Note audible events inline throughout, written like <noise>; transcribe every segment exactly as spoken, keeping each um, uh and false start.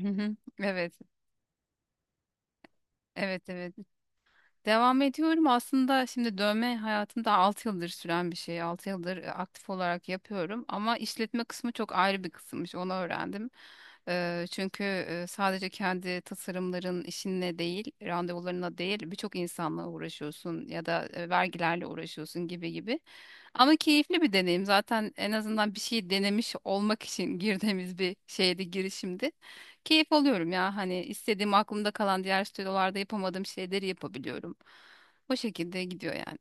Hı hı. Evet, evet, evet. Devam ediyorum. Aslında şimdi dövme hayatımda altı yıldır süren bir şey. Altı yıldır e, aktif olarak yapıyorum. Ama işletme kısmı çok ayrı bir kısımmış. Onu öğrendim. Eee, çünkü e, sadece kendi tasarımların işinle değil, randevularına değil, birçok insanla uğraşıyorsun ya da e, vergilerle uğraşıyorsun gibi gibi. Ama keyifli bir deneyim. Zaten en azından bir şey denemiş olmak için <laughs> girdiğimiz bir şeydi, girişimdi. Keyif alıyorum ya. Hani istediğim aklımda kalan diğer stüdyolarda yapamadığım şeyleri yapabiliyorum. O şekilde gidiyor yani.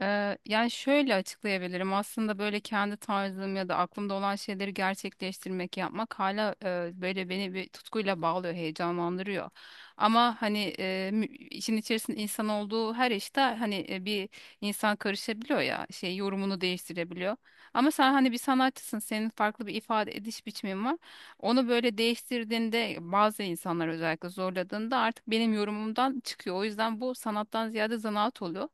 Ee, yani şöyle açıklayabilirim. Aslında böyle kendi tarzım ya da aklımda olan şeyleri gerçekleştirmek, yapmak hala e, böyle beni bir tutkuyla bağlıyor, heyecanlandırıyor. Ama hani e, mü- işin içerisinde insan olduğu her işte hani e, bir insan karışabiliyor ya, şey yorumunu değiştirebiliyor. Ama sen hani bir sanatçısın, senin farklı bir ifade ediş biçimin var. Onu böyle değiştirdiğinde bazı insanlar özellikle zorladığında artık benim yorumumdan çıkıyor. O yüzden bu sanattan ziyade zanaat oluyor.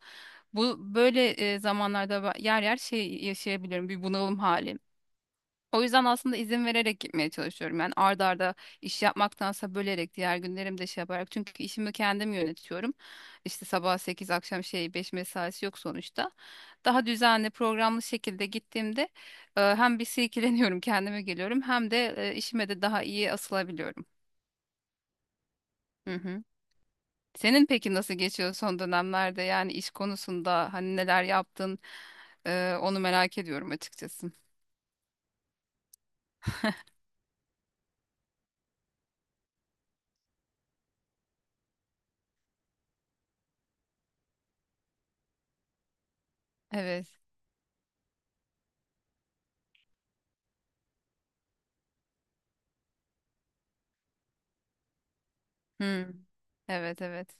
Bu böyle e, zamanlarda ba- yer yer şey yaşayabilirim, bir bunalım hali. O yüzden aslında izin vererek gitmeye çalışıyorum. Yani ard arda iş yapmaktansa bölerek diğer günlerimde şey yaparak. Çünkü işimi kendim yönetiyorum. İşte sabah sekiz akşam şey beş mesaisi yok sonuçta. Daha düzenli programlı şekilde gittiğimde e, hem bir silkeleniyorum, kendime geliyorum, hem de e, işime de daha iyi asılabiliyorum. Hı hı. Senin peki nasıl geçiyor son dönemlerde, yani iş konusunda hani neler yaptın? Ee, onu merak ediyorum açıkçası. Evet. Hmm. Evet, evet.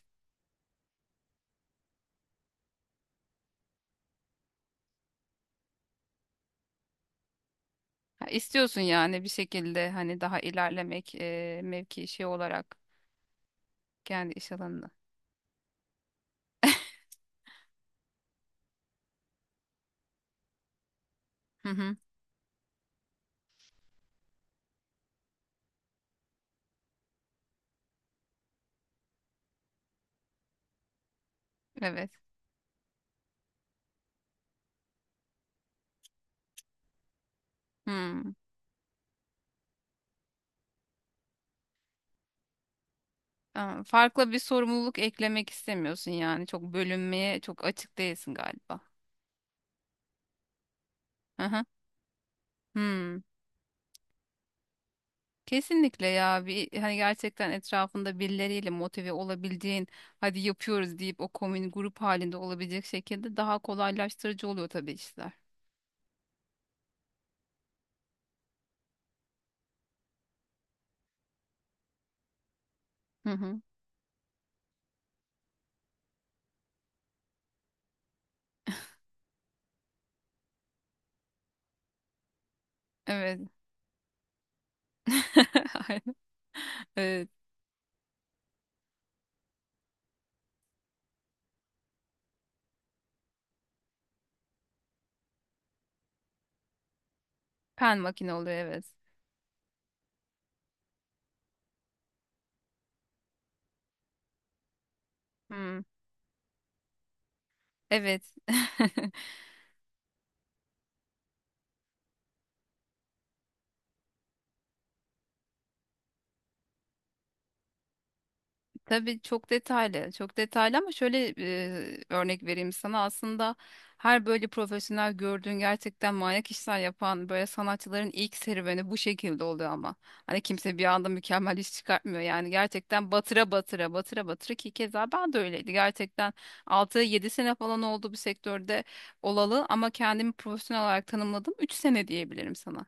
Ha, istiyorsun yani bir şekilde hani daha ilerlemek e, mevki şey olarak kendi iş alanında. Hı hı. Evet. Hmm. Aa, farklı bir sorumluluk eklemek istemiyorsun yani, çok bölünmeye çok açık değilsin galiba. Hı hı. Hmm. Kesinlikle ya, bir hani gerçekten etrafında birileriyle motive olabildiğin, hadi yapıyoruz deyip o komün grup halinde olabilecek şekilde daha kolaylaştırıcı oluyor tabii işler. Hı hı. Evet. <laughs> Aynen. Evet. Pen makine oluyor, evet. Hmm. Evet. <laughs> Tabii çok detaylı, çok detaylı ama şöyle e, örnek vereyim sana. Aslında her böyle profesyonel gördüğün gerçekten manyak işler yapan böyle sanatçıların ilk serüveni bu şekilde oluyor ama. Hani kimse bir anda mükemmel iş çıkartmıyor. Yani gerçekten batıra batıra, batıra batıra ki keza ben de öyleydi. Gerçekten altı yedi sene falan oldu bu sektörde olalı, ama kendimi profesyonel olarak tanımladım. Üç sene diyebilirim sana.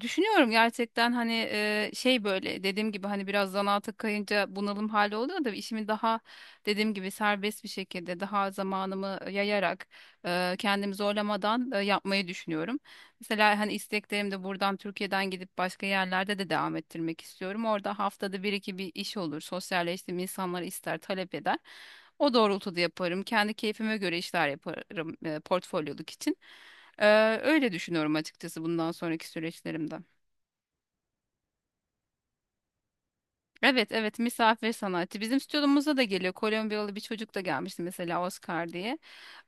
Düşünüyorum gerçekten, hani e, şey böyle dediğim gibi hani biraz zanaata kayınca bunalım hali oluyor da işimi daha dediğim gibi serbest bir şekilde, daha zamanımı yayarak, e, kendimi zorlamadan e, yapmayı düşünüyorum. Mesela hani isteklerim de buradan, Türkiye'den gidip başka yerlerde de devam ettirmek istiyorum. Orada haftada bir iki bir iş olur. Sosyalleştiğim insanlar ister, talep eder. O doğrultuda yaparım. Kendi keyfime göre işler yaparım e, portfolyoluk için. Ee, öyle düşünüyorum açıkçası bundan sonraki süreçlerimde. Evet, evet, misafir sanatçı. Bizim stüdyomuza da geliyor. Kolombiyalı bir çocuk da gelmişti mesela, Oscar diye.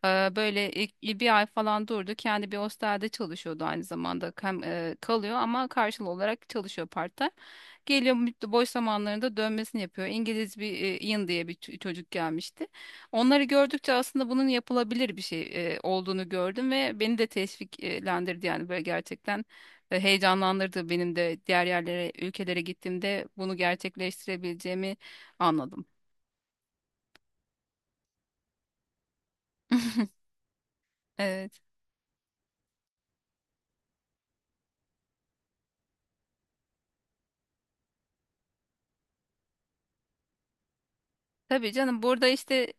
Eee, Böyle ilk- bir ay falan durdu. Kendi bir hostelde çalışıyordu aynı zamanda. Hem eee, kalıyor ama karşılığı olarak çalışıyor part-time. Geliyor mü- boş zamanlarında dönmesini yapıyor. İngiliz bir eee, Ian diye bir ç- çocuk gelmişti. Onları gördükçe aslında bunun yapılabilir bir şey eee, olduğunu gördüm ve beni de teşviklendirdi, yani böyle gerçekten e, heyecanlandırdı, benim de diğer yerlere, ülkelere gittiğimde bunu gerçekleştirebileceğimi anladım. <laughs> Evet. Tabii canım, burada işte,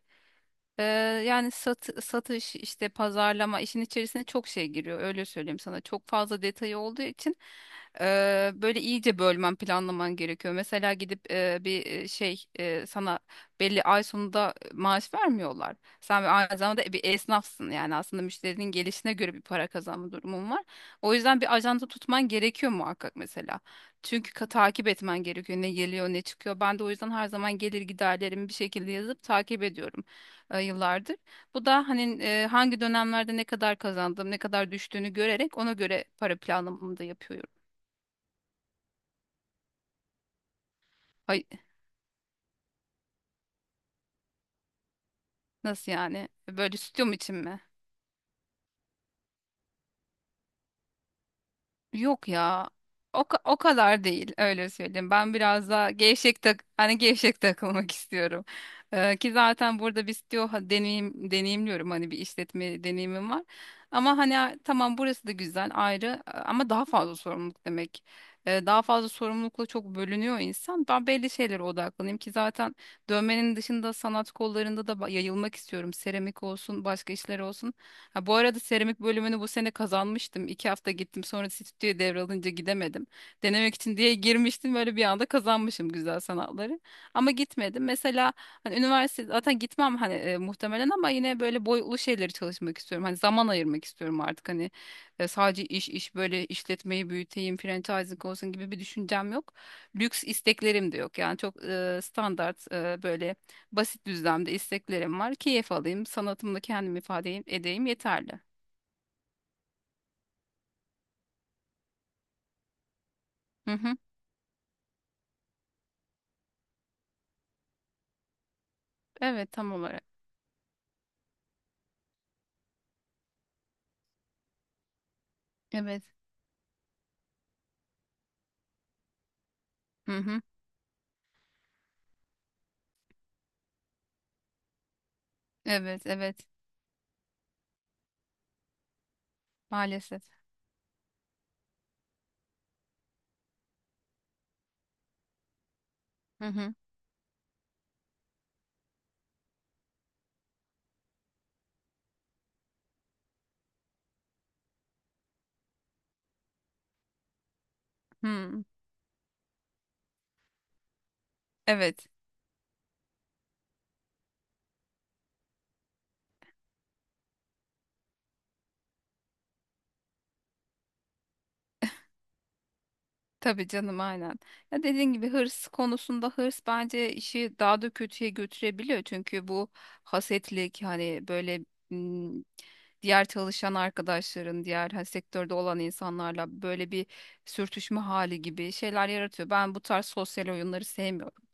Ee, yani satı- satış, işte pazarlama işin içerisine çok şey giriyor, öyle söyleyeyim sana, çok fazla detayı olduğu için e, böyle iyice bölmen, planlaman gerekiyor. Mesela gidip e, bir e, şey e, sana belli ay sonunda maaş vermiyorlar, sen bir aynı zamanda bir esnafsın yani. Aslında müşterinin gelişine göre bir para kazanma durumun var, o yüzden bir ajanda tutman gerekiyor muhakkak, mesela. Çünkü ka- takip etmen gerekiyor, ne geliyor ne çıkıyor. Ben de o yüzden her zaman gelir giderlerimi bir şekilde yazıp takip ediyorum e, yıllardır. Bu da hani e, hangi dönemlerde ne kadar kazandım, ne kadar düştüğünü görerek ona göre para planlamamı da yapıyorum. Ay, nasıl yani? Böyle stüdyom için mi? Yok ya. O, ka- o kadar değil, öyle söyleyeyim. Ben biraz daha gevşek, tak hani gevşek <laughs> takılmak istiyorum. Ee, ki zaten burada biz diyor, ha, deneyim deneyimliyorum, hani bir işletme deneyimim var. Ama hani, a- tamam, burası da güzel ayrı, a- ama daha fazla sorumluluk demek. Ee, daha fazla sorumlulukla çok bölünüyor insan. Ben belli şeylere odaklanayım, ki zaten dövmenin dışında sanat kollarında da ba- yayılmak istiyorum. Seramik olsun, başka işler olsun. Ha, bu arada seramik bölümünü bu sene kazanmıştım. İki hafta gittim, sonra stüdyo devralınca gidemedim. Denemek için diye girmiştim, böyle bir anda kazanmışım güzel sanatları. Ama gitmedim. Mesela hani üniversite zaten gitmem hani, e, muhtemelen, ama yine böyle boyutlu şeyleri çalışmak istiyorum. Hani zaman ayırmak istiyorum artık, hani e, sadece iş iş böyle işletmeyi büyüteyim, franchising olsun gibi bir düşüncem yok. Lüks isteklerim de yok. Yani çok e, standart, e, böyle basit düzlemde isteklerim var. Keyif alayım, sanatımla kendimi ifade edeyim, yeterli. Hı hı. Evet, tam olarak. Evet. Hı hı. Evet, evet. Maalesef. Hı hı. Hı. Evet. Tabii canım, aynen. Ya, dediğin gibi hırs konusunda, hırs bence işi daha da kötüye götürebiliyor. Çünkü bu hasetlik hani böyle, ım, diğer çalışan arkadaşların, diğer hani sektörde olan insanlarla böyle bir sürtüşme hali gibi şeyler yaratıyor. Ben bu tarz sosyal oyunları sevmiyorum.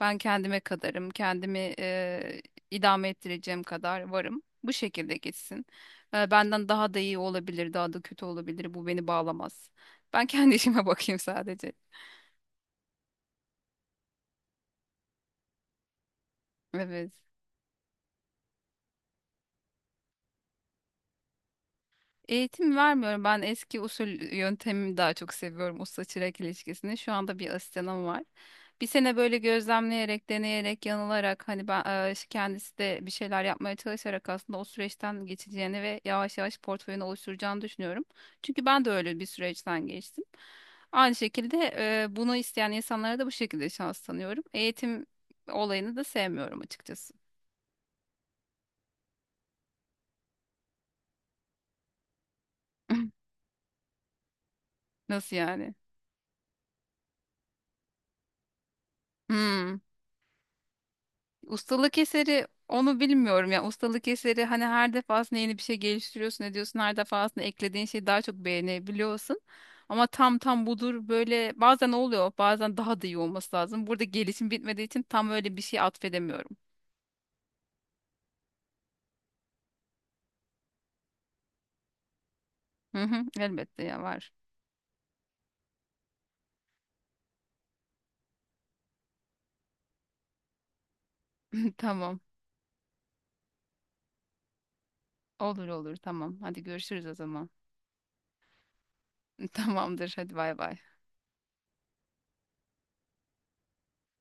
Ben kendime kadarım, kendimi eee, idame ettireceğim kadar varım. Bu şekilde geçsin. Eee, benden daha da iyi olabilir, daha da kötü olabilir. Bu beni bağlamaz. Ben kendi <laughs> işime bakayım sadece. Evet. Eğitim vermiyorum. Ben eski usul yöntemimi daha çok seviyorum. Usta çırak ilişkisini. Şu anda bir asistanım var. Bir sene böyle gözlemleyerek, deneyerek, yanılarak, hani ben e, kendisi de bir şeyler yapmaya çalışarak aslında o süreçten geçeceğini ve yavaş yavaş portföyünü oluşturacağını düşünüyorum. Çünkü ben de öyle bir süreçten geçtim. Aynı şekilde e, bunu isteyen insanlara da bu şekilde şans tanıyorum. Eğitim olayını da sevmiyorum açıkçası. <laughs> Nasıl yani? Hmm. Ustalık eseri, onu bilmiyorum ya. Ustalık eseri hani her defasında yeni bir şey geliştiriyorsun, ediyorsun. Her defasında eklediğin şeyi daha çok beğenebiliyorsun. Ama tam tam budur böyle, bazen oluyor, bazen daha da iyi olması lazım. Burada gelişim bitmediği için tam öyle bir şey atfedemiyorum. Hı hı, elbette ya, var. <laughs> Tamam, olur olur, tamam. Hadi görüşürüz o zaman. <laughs> Tamamdır, hadi, bay bay.